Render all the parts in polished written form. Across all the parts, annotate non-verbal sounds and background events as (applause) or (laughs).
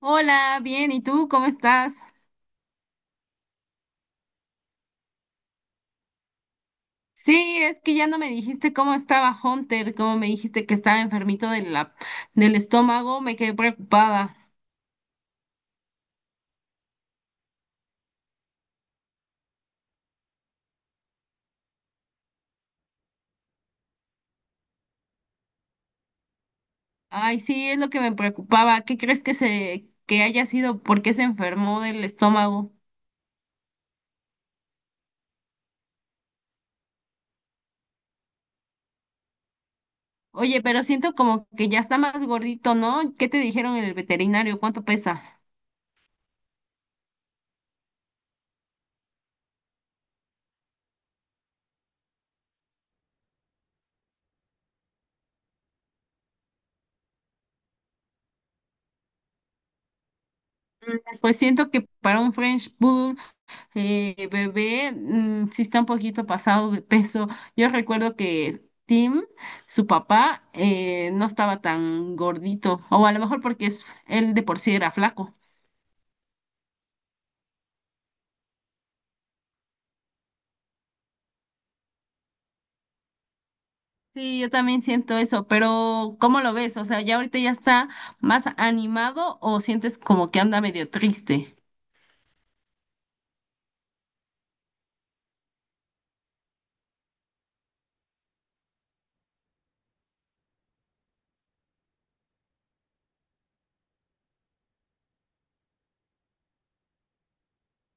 Hola, bien, ¿y tú cómo estás? Sí, es que ya no me dijiste cómo estaba Hunter, como me dijiste que estaba enfermito de del estómago, me quedé preocupada. Ay, sí, es lo que me preocupaba. ¿Qué crees que haya sido? ¿Por qué se enfermó del estómago? Oye, pero siento como que ya está más gordito, ¿no? ¿Qué te dijeron en el veterinario? ¿Cuánto pesa? Pues siento que para un French Poodle bebé, sí está un poquito pasado de peso. Yo recuerdo que Tim, su papá, no estaba tan gordito, o a lo mejor él de por sí era flaco. Sí, yo también siento eso, pero ¿cómo lo ves? O sea, ¿ya ahorita ya está más animado o sientes como que anda medio triste?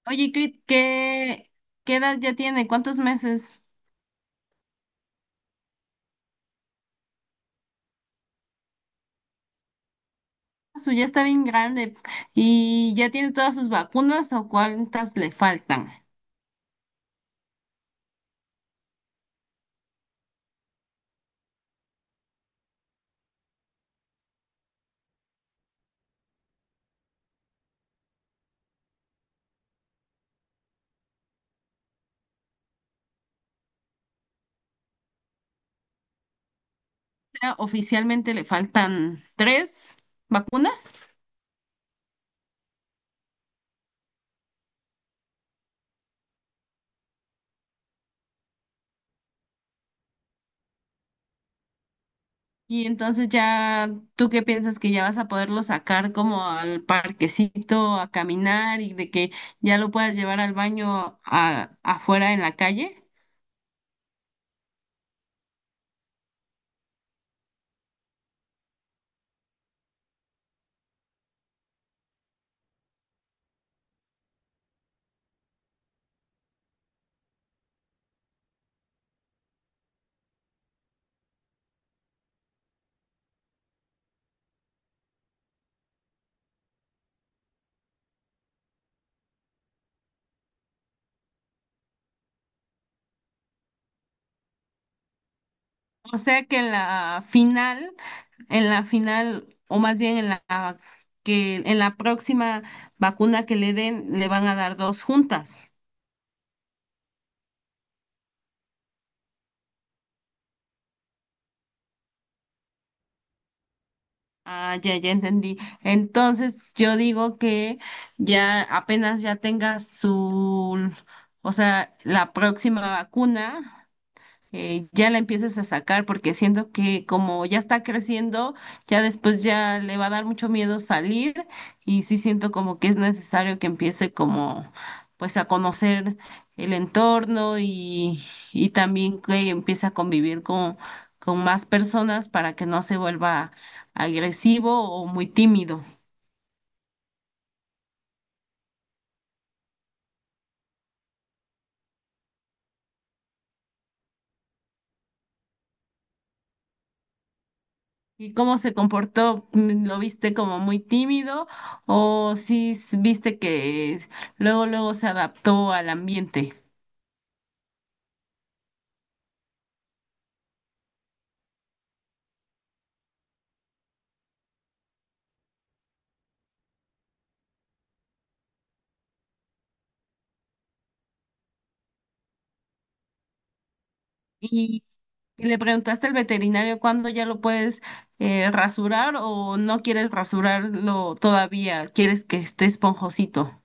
Oye, ¿qué edad ya tiene? ¿Cuántos meses? Ah, su ya está bien grande y ya tiene todas sus vacunas o cuántas le faltan. Ya oficialmente le faltan tres vacunas. Y entonces ya, ¿tú qué piensas que ya vas a poderlo sacar como al parquecito a caminar y de que ya lo puedas llevar al baño afuera en la calle? O sea que en la final, o más bien en la que en la próxima vacuna que le den, le van a dar dos juntas. Ah, ya, ya entendí. Entonces, yo digo que ya apenas ya tenga su, o sea, la próxima vacuna, ya la empiezas a sacar, porque siento que como ya está creciendo, ya después ya le va a dar mucho miedo salir y sí siento como que es necesario que empiece como pues a conocer el entorno y también que empiece a convivir con más personas para que no se vuelva agresivo o muy tímido. ¿Y cómo se comportó? Mm. ¿Lo viste como muy tímido o viste que luego luego se adaptó al ambiente? ¿Y, y le preguntaste al veterinario cuándo ya lo puedes, rasurar o no quieres rasurarlo todavía? ¿Quieres que esté esponjosito?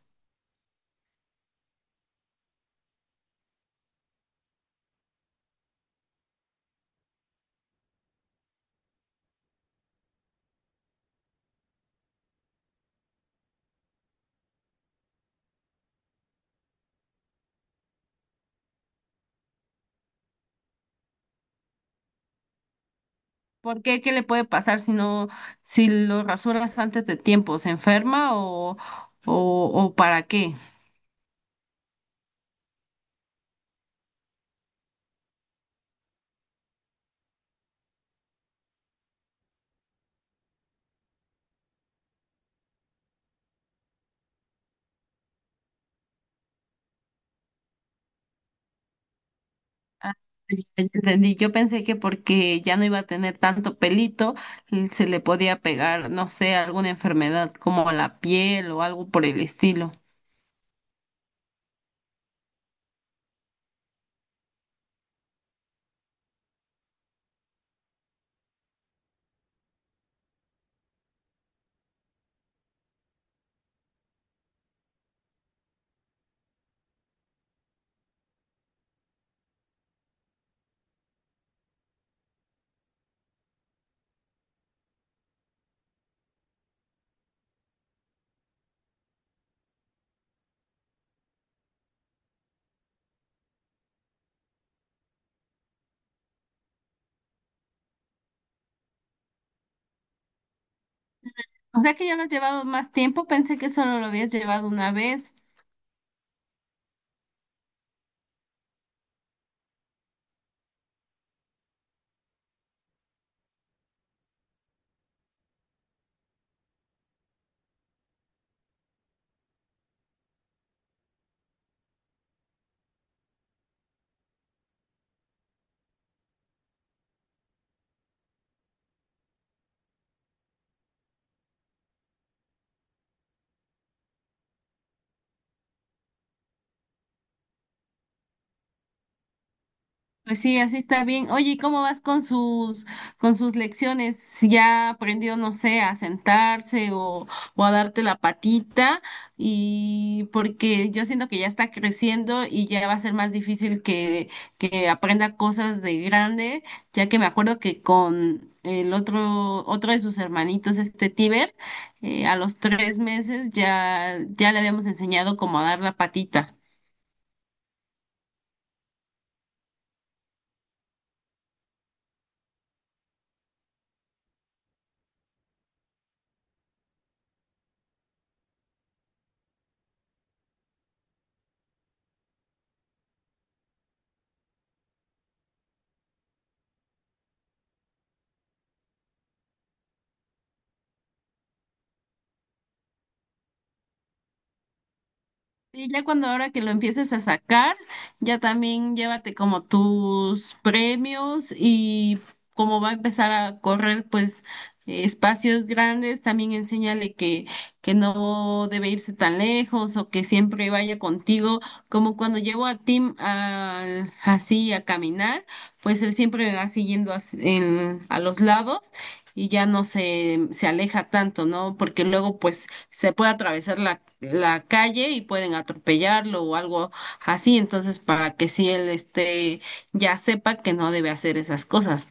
¿Por qué? ¿Qué le puede pasar si lo rasuras antes de tiempo? ¿Se enferma o para qué? Ah, ya ya entendí. Yo pensé que porque ya no iba a tener tanto pelito, se le podía pegar, no sé, alguna enfermedad como la piel o algo por el estilo. O sea que ya lo has llevado más tiempo, pensé que solo lo habías llevado una vez. Pues sí, así está bien. Oye, ¿y cómo vas con sus, con sus lecciones? Si ya aprendió, no sé, a sentarse o a darte la patita, y porque yo siento que ya está creciendo y ya va a ser más difícil que aprenda cosas de grande, ya que me acuerdo que con otro de sus hermanitos, este Tiber, a los 3 meses ya le habíamos enseñado cómo a dar la patita. Y ya cuando ahora que lo empieces a sacar, ya también llévate como tus premios y como va a empezar a correr pues, espacios grandes, también enséñale que no debe irse tan lejos o que siempre vaya contigo, como cuando llevo a Tim así a caminar, pues él siempre me va siguiendo a los lados y ya no se aleja tanto, ¿no? Porque luego pues se puede atravesar la calle y pueden atropellarlo o algo así, entonces para que si él esté, ya sepa que no debe hacer esas cosas.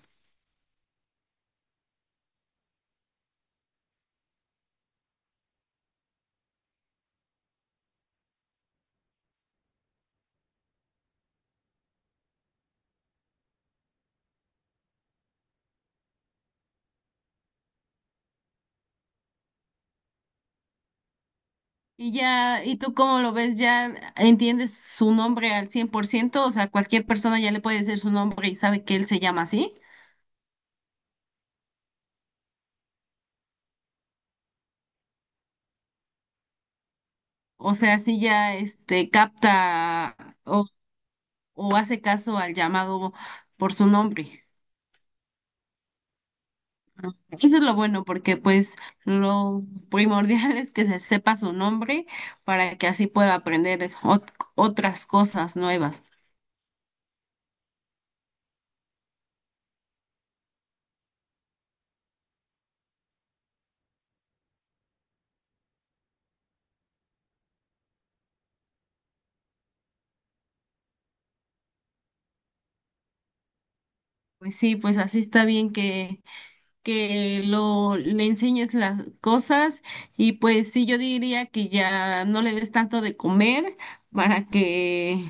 Y ya, ¿y tú cómo lo ves? ¿Ya entiendes su nombre al 100%? O sea, cualquier persona ya le puede decir su nombre y sabe que él se llama así. O sea, si ya este capta o, o hace caso al llamado por su nombre. Eso es lo bueno, porque pues lo primordial (laughs) es que se sepa su nombre para que así pueda aprender otras cosas nuevas. Pues sí, pues así está bien que lo le enseñes las cosas y pues sí, yo diría que ya no le des tanto de comer para que,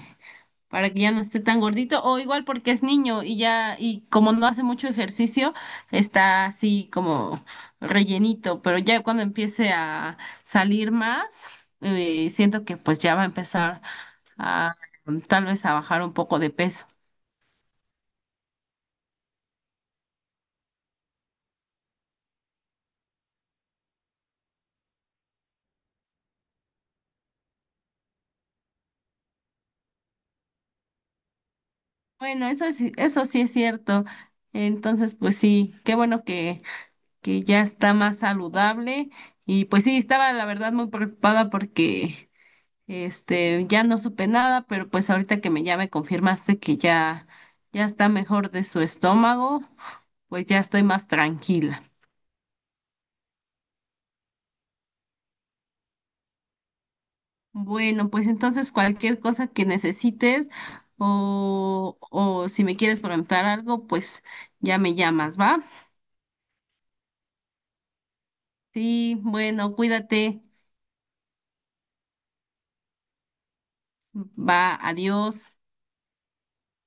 para que ya no esté tan gordito, o igual porque es niño y ya, y como no hace mucho ejercicio, está así como rellenito, pero ya cuando empiece a salir más, siento que pues ya va a empezar a tal vez a bajar un poco de peso. Bueno, eso sí es cierto. Entonces, pues sí, qué bueno que ya está más saludable. Y pues sí, estaba la verdad muy preocupada porque este, ya no supe nada, pero pues ahorita que me ya me confirmaste que ya ya está mejor de su estómago, pues ya estoy más tranquila. Bueno, pues entonces cualquier cosa que necesites o si me quieres preguntar algo, pues ya me llamas, ¿va? Sí, bueno, cuídate. Va, adiós.